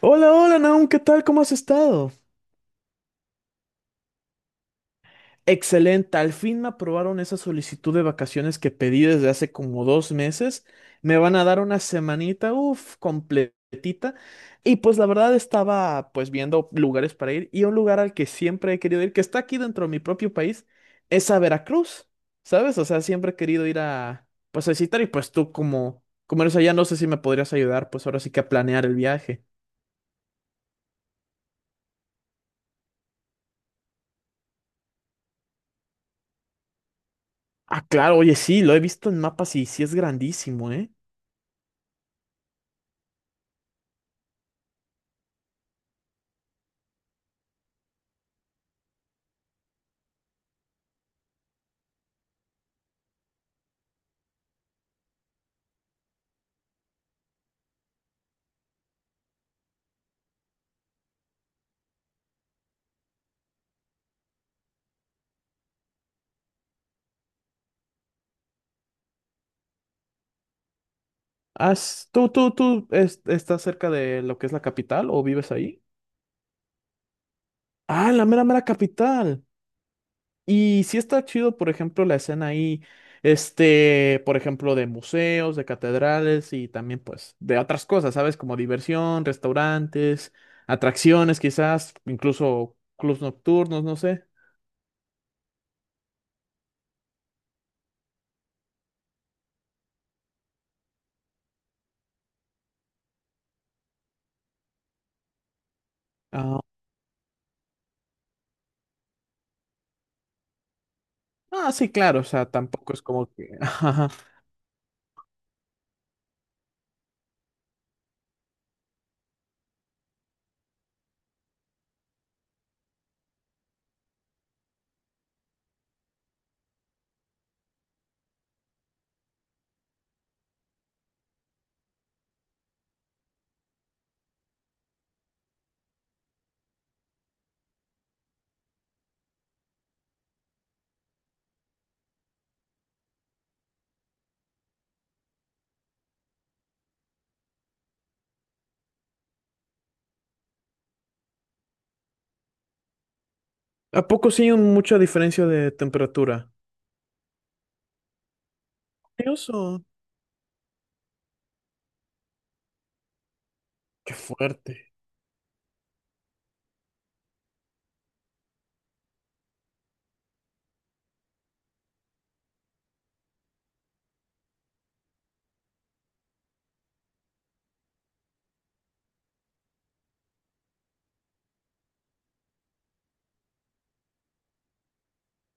Hola, hola, Naum, ¿qué tal? ¿Cómo has estado? Excelente, al fin me aprobaron esa solicitud de vacaciones que pedí desde hace como dos meses. Me van a dar una semanita, completita. Y pues la verdad estaba viendo lugares para ir, y un lugar al que siempre he querido ir, que está aquí dentro de mi propio país, es a Veracruz, ¿sabes? O sea, siempre he querido ir a pues a visitar, y pues tú como eres allá, no sé si me podrías ayudar pues ahora sí que a planear el viaje. Ah, claro, oye, sí, lo he visto en mapas y sí es grandísimo, ¿eh? ¿ estás cerca de lo que es la capital o vives ahí? Ah, la mera, mera capital. Y sí está chido, por ejemplo, la escena ahí, por ejemplo, de museos, de catedrales y también, pues, de otras cosas, ¿sabes? Como diversión, restaurantes, atracciones, quizás, incluso clubs nocturnos, no sé. Ah, sí, claro, o sea, tampoco es como que... Ajá. ¿A poco sí hay mucha diferencia de temperatura? Curioso. Qué fuerte.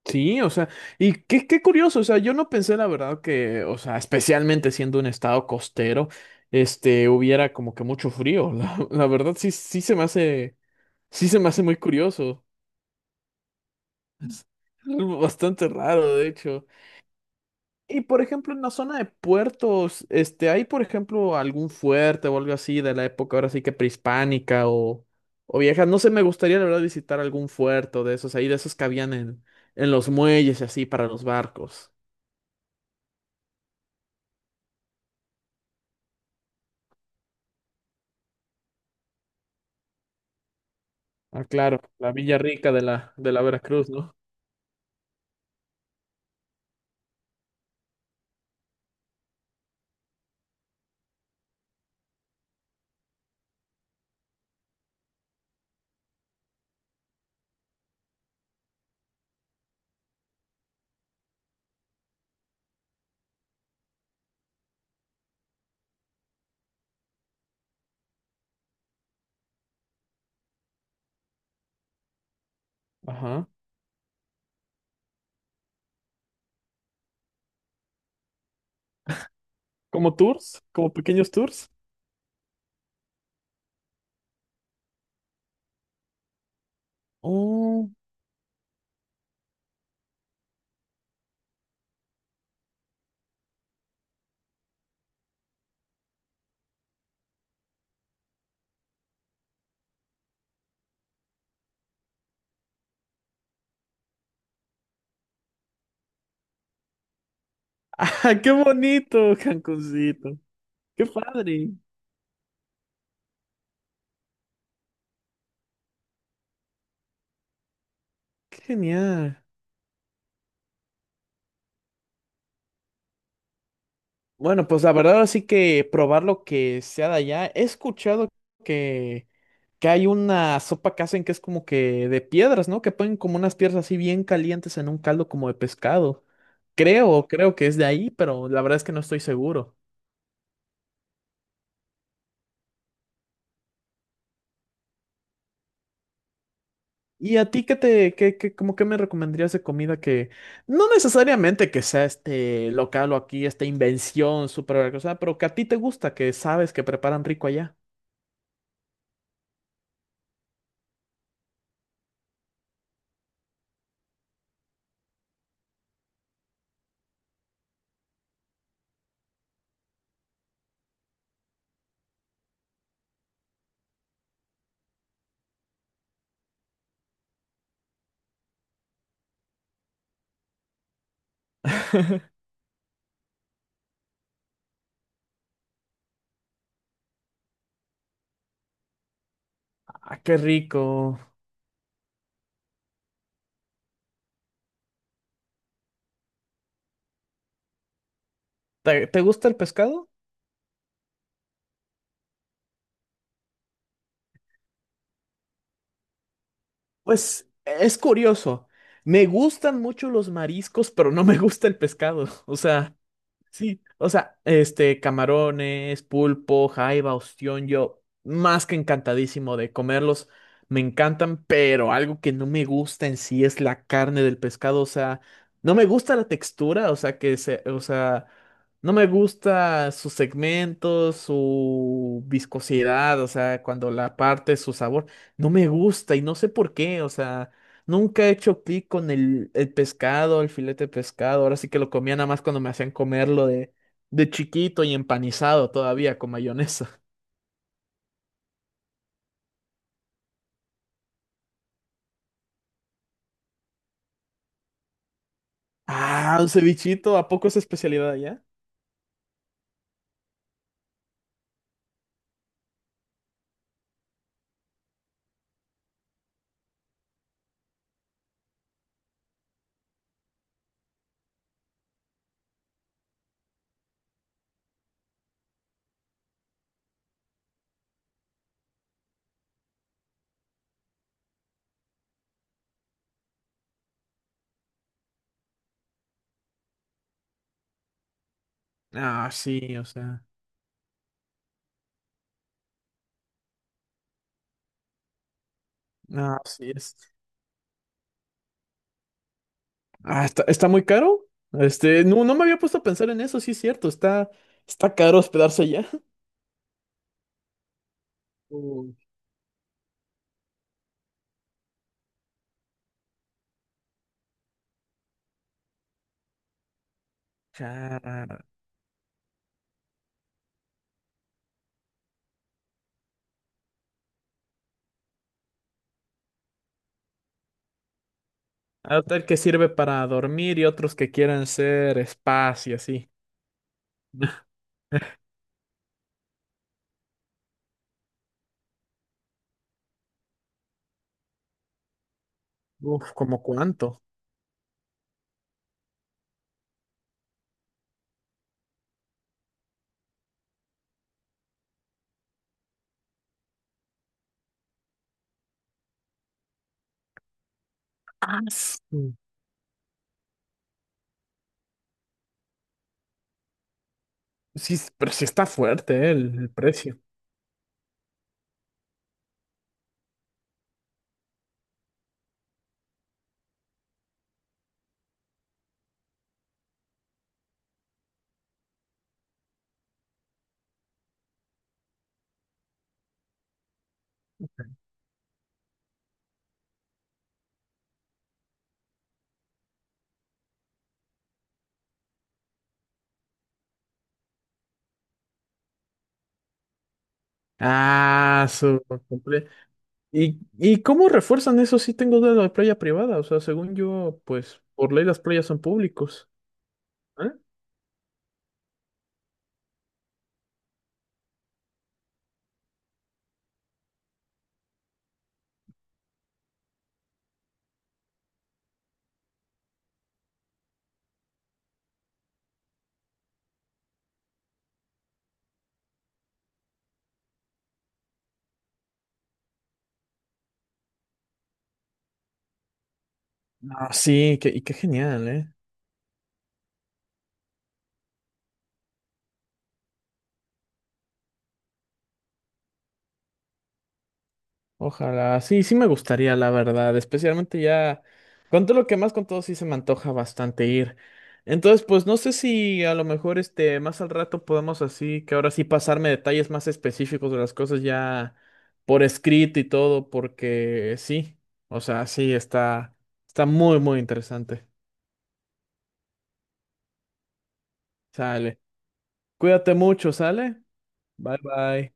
Sí, o sea, y qué curioso, o sea, yo no pensé la verdad que, o sea, especialmente siendo un estado costero, hubiera como que mucho frío. La verdad sí, sí se me hace muy curioso. Es algo bastante raro, de hecho. Y por ejemplo, en la zona de puertos, ¿hay por ejemplo algún fuerte o algo así de la época ahora sí que prehispánica o vieja? No sé, me gustaría la verdad visitar algún fuerte de esos ahí, de esos que habían en los muelles y así para los barcos. Ah, claro, la Villa Rica de de la Veracruz, ¿no? Ajá. ¿Como tours? ¿Como pequeños tours? Oh. ¡Ah, qué bonito, Cancuncito! ¡Qué padre! ¡Qué genial! Bueno, pues la verdad así que probar lo que sea de allá. He escuchado que, que hay una sopa que hacen que es como que de piedras, ¿no? Que ponen como unas piedras así bien calientes en un caldo como de pescado. Creo que es de ahí, pero la verdad es que no estoy seguro. ¿Y a ti qué te, qué, qué, como qué me recomendarías de comida que no necesariamente que sea este local o aquí, esta invención súper cosa, pero que a ti te gusta, que sabes que preparan rico allá? Ah, qué rico. ¿Te gusta el pescado? Pues es curioso. Me gustan mucho los mariscos, pero no me gusta el pescado. O sea. Sí, o sea, camarones, pulpo, jaiba, ostión, yo más que encantadísimo de comerlos, me encantan, pero algo que no me gusta en sí es la carne del pescado, o sea, no me gusta la textura, o sea, no me gusta sus segmentos, su viscosidad, o sea, cuando la parte, su sabor, no me gusta y no sé por qué, o sea, nunca he hecho clic con el pescado, el filete de pescado. Ahora sí que lo comía nada más cuando me hacían comerlo de chiquito y empanizado todavía con mayonesa. Ah, un cevichito, ¿a poco es especialidad allá? Ah, sí, o sea. Ah, sí es. Ah, está, está muy caro. Este, no, no me había puesto a pensar en eso, sí es cierto. Está, está caro hospedarse allá. Uy, cara. Hay hotel que sirve para dormir y otros que quieren ser spas y así. Uf, ¿como cuánto? Ah, sí, sí, pero sí está fuerte, el precio. Ah, su comple- y cómo refuerzan eso si tengo de la playa privada? O sea, según yo, pues por ley las playas son públicos. ¿Eh? Ah, sí, que y qué genial, ¿eh? Ojalá, sí, sí me gustaría, la verdad, especialmente ya, con todo lo que más con todo sí se me antoja bastante ir. Entonces, pues no sé si a lo mejor este, más al rato podemos así, que ahora sí pasarme detalles más específicos de las cosas ya por escrito y todo, porque sí, o sea, sí, está, está muy, muy interesante. Sale. Cuídate mucho, ¿sale? Bye, bye.